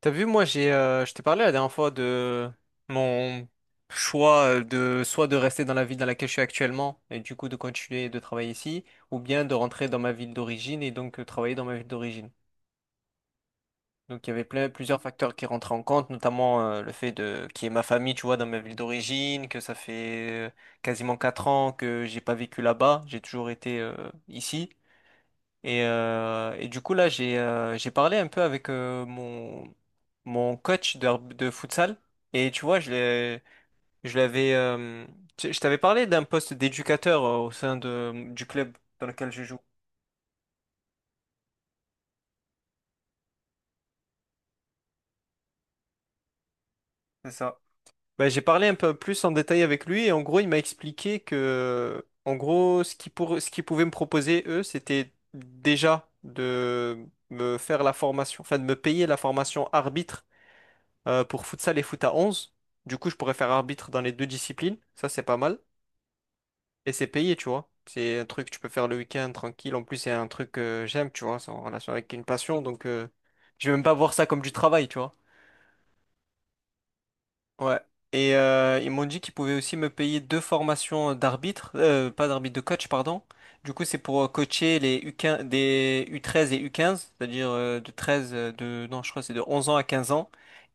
T'as vu, moi, je t'ai parlé la dernière fois de mon choix de soit de rester dans la ville dans laquelle je suis actuellement et du coup de continuer de travailler ici, ou bien de rentrer dans ma ville d'origine et donc travailler dans ma ville d'origine. Donc il y avait plusieurs facteurs qui rentraient en compte, notamment le fait de qu'il y ait ma famille, tu vois, dans ma ville d'origine, que ça fait quasiment 4 ans que j'ai pas vécu là-bas, j'ai toujours été ici. Et du coup, là, j'ai parlé un peu avec mon coach de futsal. Et tu vois, je l'ai, je l'avais, tu- je t'avais parlé d'un poste d'éducateur au sein du club dans lequel je joue. C'est ça. Ben, j'ai parlé un peu plus en détail avec lui et en gros, il m'a expliqué que, en gros, ce qui pour, ce qu'ils pouvaient me proposer, eux, c'était déjà de me faire la formation, enfin de me payer la formation arbitre pour futsal et foot à 11. Du coup, je pourrais faire arbitre dans les deux disciplines. Ça, c'est pas mal. Et c'est payé, tu vois. C'est un truc que tu peux faire le week-end tranquille. En plus, c'est un truc que j'aime, tu vois. C'est en relation avec une passion. Donc, je vais même pas voir ça comme du travail, tu vois. Ouais. Et ils m'ont dit qu'ils pouvaient aussi me payer deux formations d'arbitre, pas d'arbitre, de coach, pardon. Du coup, c'est pour coacher les U15, des U13 et U15, c'est-à-dire de 13 de, non, je crois que c'est de 11 ans à 15 ans,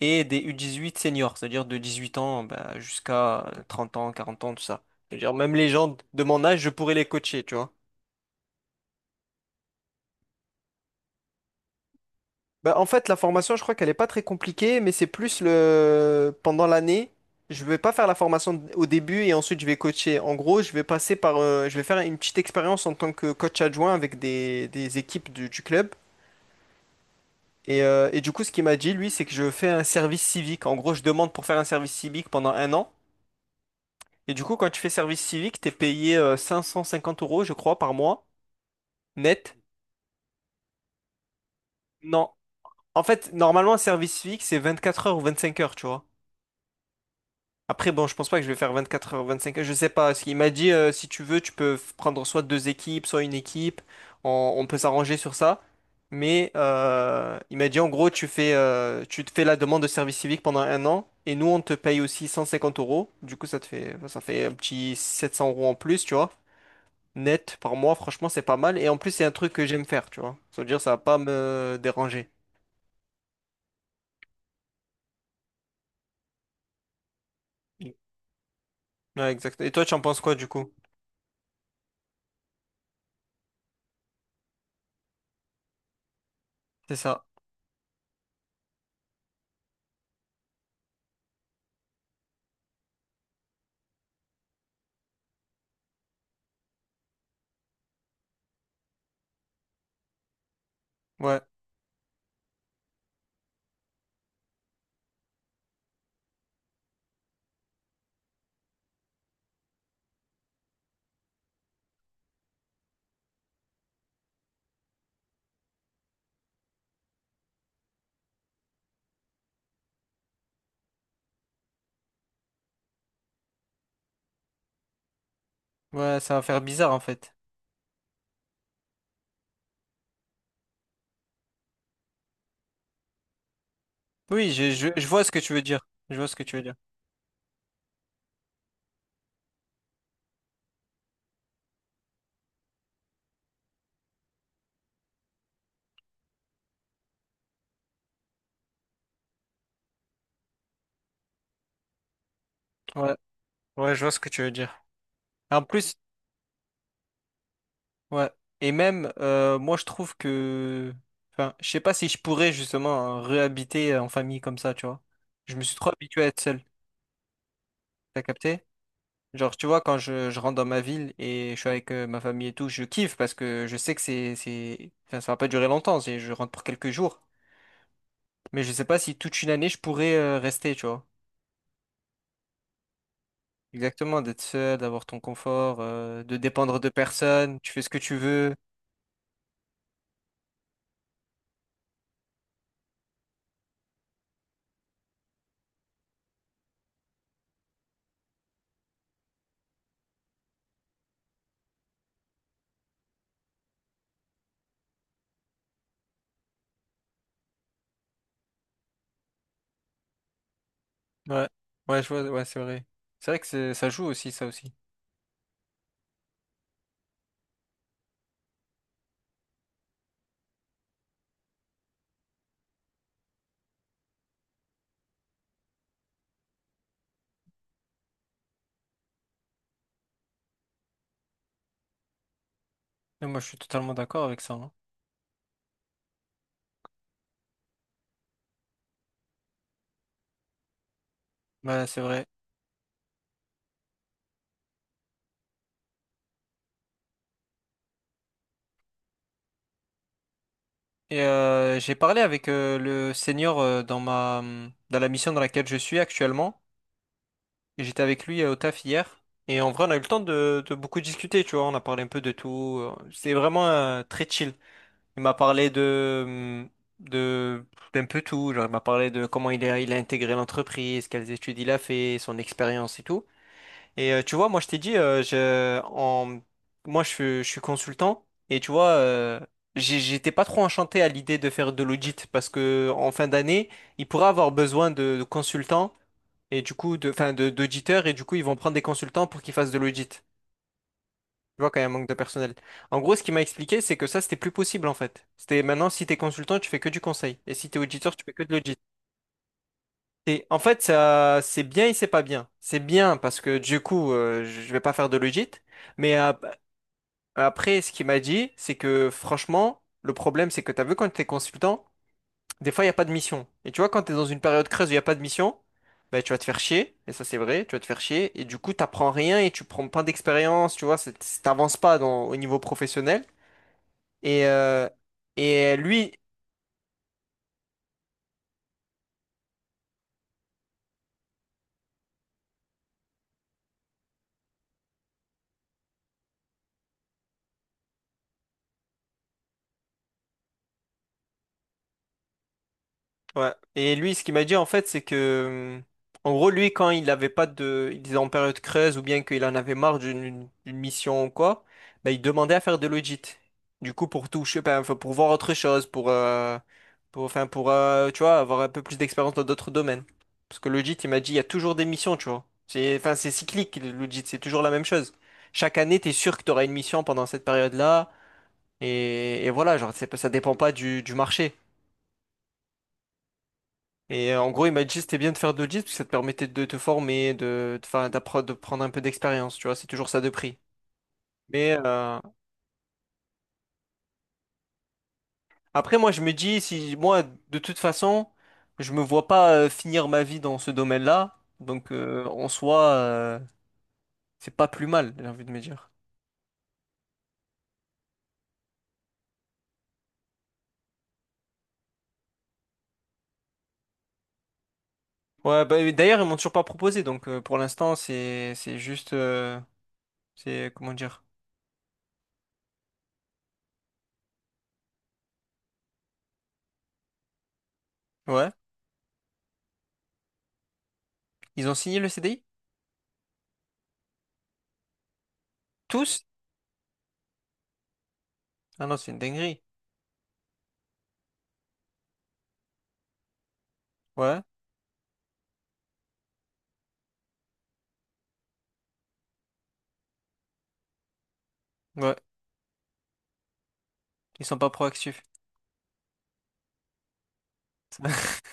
et des U18 seniors, c'est-à-dire de 18 ans bah, jusqu'à 30 ans, 40 ans, tout ça. C'est-à-dire même les gens de mon âge, je pourrais les coacher, tu vois. Bah, en fait, la formation, je crois qu'elle est pas très compliquée, mais c'est plus le pendant l'année. Je vais pas faire la formation au début et ensuite je vais coacher. En gros, je vais je vais faire une petite expérience en tant que coach adjoint avec des équipes du club. Et du coup, ce qu'il m'a dit, lui, c'est que je fais un service civique. En gros, je demande pour faire un service civique pendant un an. Et du coup, quand tu fais service civique, t'es payé 550 euros, je crois, par mois, net. Non. En fait, normalement, un service civique, c'est 24 heures ou 25 heures, tu vois. Après, bon, je pense pas que je vais faire 24 heures, 25 heures, je sais pas. Il m'a dit, si tu veux, tu peux prendre soit deux équipes, soit une équipe. On peut s'arranger sur ça. Mais il m'a dit, en gros, tu te fais la demande de service civique pendant un an. Et nous, on te paye aussi 150 euros. Du coup, ça te fait, ça fait un petit 700 € en plus, tu vois. Net par mois, franchement, c'est pas mal. Et en plus, c'est un truc que j'aime faire, tu vois. Ça veut dire, ça va pas me déranger. Ouais, exact. Et toi, tu en penses quoi, du coup? C'est ça. Ouais. Ouais, ça va faire bizarre, en fait. Oui, je vois ce que tu veux dire. Je vois ce que tu veux dire. Ouais, ouais, je vois ce que tu veux dire. En plus, ouais. Et même, moi, je trouve que, enfin, je sais pas si je pourrais justement réhabiter en famille comme ça, tu vois. Je me suis trop habitué à être seul. T'as capté? Genre, tu vois, quand je rentre dans ma ville et je suis avec ma famille et tout, je kiffe parce que je sais que enfin, ça va pas durer longtemps. C'est, je rentre pour quelques jours. Mais je sais pas si toute une année je pourrais rester, tu vois. Exactement, d'être seul, d'avoir ton confort, de dépendre de personne, tu fais ce que tu veux. Ouais, ouais, je vois, ouais, c'est vrai. C'est vrai que c'est- ça joue aussi, ça aussi. Et moi, je suis totalement d'accord avec ça, hein. Ouais, c'est vrai. Et j'ai parlé avec le senior dans la mission dans laquelle je suis actuellement. Et j'étais avec lui au taf hier. Et en vrai, on a eu le temps de beaucoup discuter, tu vois. On a parlé un peu de tout. C'est vraiment très chill. Il m'a parlé de, d'un peu tout. Genre, il m'a parlé de comment il a intégré l'entreprise, quelles études il a fait, son expérience et tout. Et tu vois, moi, je t'ai dit, moi, je suis consultant. Et tu vois, j'étais pas trop enchanté à l'idée de faire de l'audit parce que en fin d'année, il pourra avoir besoin de consultants et du coup, enfin, d'auditeurs. Et du coup, ils vont prendre des consultants pour qu'ils fassent de l'audit. Tu vois, quand il y a un manque de personnel. En gros, ce qu'il m'a expliqué, c'est que ça, c'était plus possible, en fait. C'était maintenant, si t'es consultant, tu fais que du conseil. Et si t'es auditeur, tu fais que de l'audit. Et en fait, ça, c'est bien et c'est pas bien. C'est bien parce que du coup, je vais pas faire de l'audit. Mais après, ce qu'il m'a dit, c'est que franchement, le problème, c'est que t'as vu quand t'es consultant, des fois, il n'y a pas de mission. Et tu vois, quand t'es dans une période creuse où il n'y a pas de mission, bah, tu vas te faire chier. Et ça, c'est vrai, tu vas te faire chier. Et du coup, t'apprends rien et tu prends pas d'expérience. Tu vois, c'est- t'avances pas dans, au niveau professionnel. Et, euh, et lui, ouais. Et lui, ce qu'il m'a dit en fait, c'est que, en gros, lui, quand il n'avait pas de, il était en période creuse ou bien qu'il en avait marre d'une mission ou quoi, bah, il demandait à faire de l'audit. Du coup, pour toucher, ben, enfin, pour voir autre chose, enfin, tu vois, avoir un peu plus d'expérience dans d'autres domaines. Parce que l'audit, il m'a dit, il y a toujours des missions, tu vois. C'est, enfin, c'est cyclique, l'audit, c'est toujours la même chose. Chaque année, tu es sûr que tu auras une mission pendant cette période-là. Et voilà, genre, c'est pas- ça dépend pas du marché. Et en gros, il m'a dit c'était bien de faire deux l'audience parce que ça te permettait de te former, 'fin, de prendre un peu d'expérience, tu vois, c'est toujours ça de prix. Mais après, moi, je me dis, si moi, de toute façon, je me vois pas finir ma vie dans ce domaine-là, donc en soi, c'est pas plus mal, j'ai envie de me dire. Ouais, bah, et d'ailleurs, ils m'ont toujours pas proposé, donc pour l'instant, c'est juste, c'est comment dire? Ouais, ils ont signé le CDI? Tous? Ah non, c'est une dinguerie. Ouais. Ouais, ils sont pas proactifs.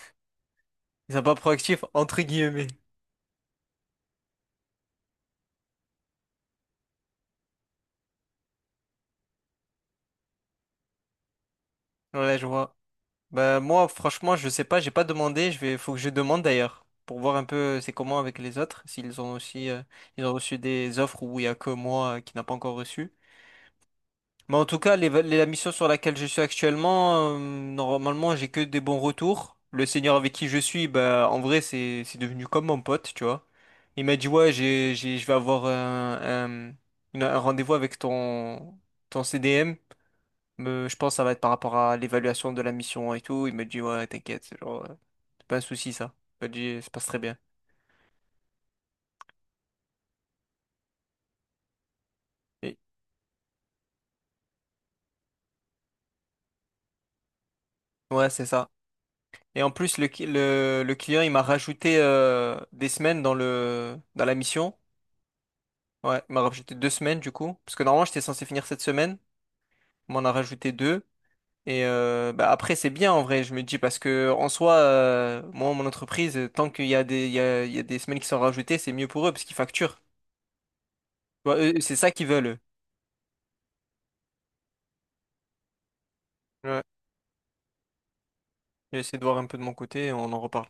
Ils sont pas proactifs entre guillemets. Ouais, je vois. Bah moi, franchement, je sais pas, j'ai pas demandé. Je vais, faut que je demande d'ailleurs pour voir un peu c'est comment avec les autres, s'ils ont aussi, ils ont reçu des offres où il y a que moi qui n'a pas encore reçu. Mais en tout cas, la mission sur laquelle je suis actuellement, normalement, j'ai que des bons retours. Le seigneur avec qui je suis, bah, en vrai, c'est devenu comme mon pote, tu vois. Il m'a dit, ouais, je vais avoir un- un rendez-vous avec ton CDM. Mais je pense que ça va être par rapport à l'évaluation de la mission et tout. Il m'a dit, ouais, t'inquiète, c'est genre, c'est pas un souci, ça. Il m'a dit, ça passe très bien. Et- ouais, c'est ça. Et en plus, le client, il m'a rajouté des semaines dans la mission. Ouais, il m'a rajouté 2 semaines du coup. Parce que normalement, j'étais censé finir cette semaine. On m'en a rajouté deux. Et bah, après, c'est bien en vrai, je me dis, parce que en soi, moi, mon entreprise, tant qu'il y a il y a des semaines qui sont rajoutées, c'est mieux pour eux parce qu'ils facturent. Tu vois, eux, c'est ça qu'ils veulent, eux. Ouais. J'essaie de voir un peu de mon côté, on en reparle.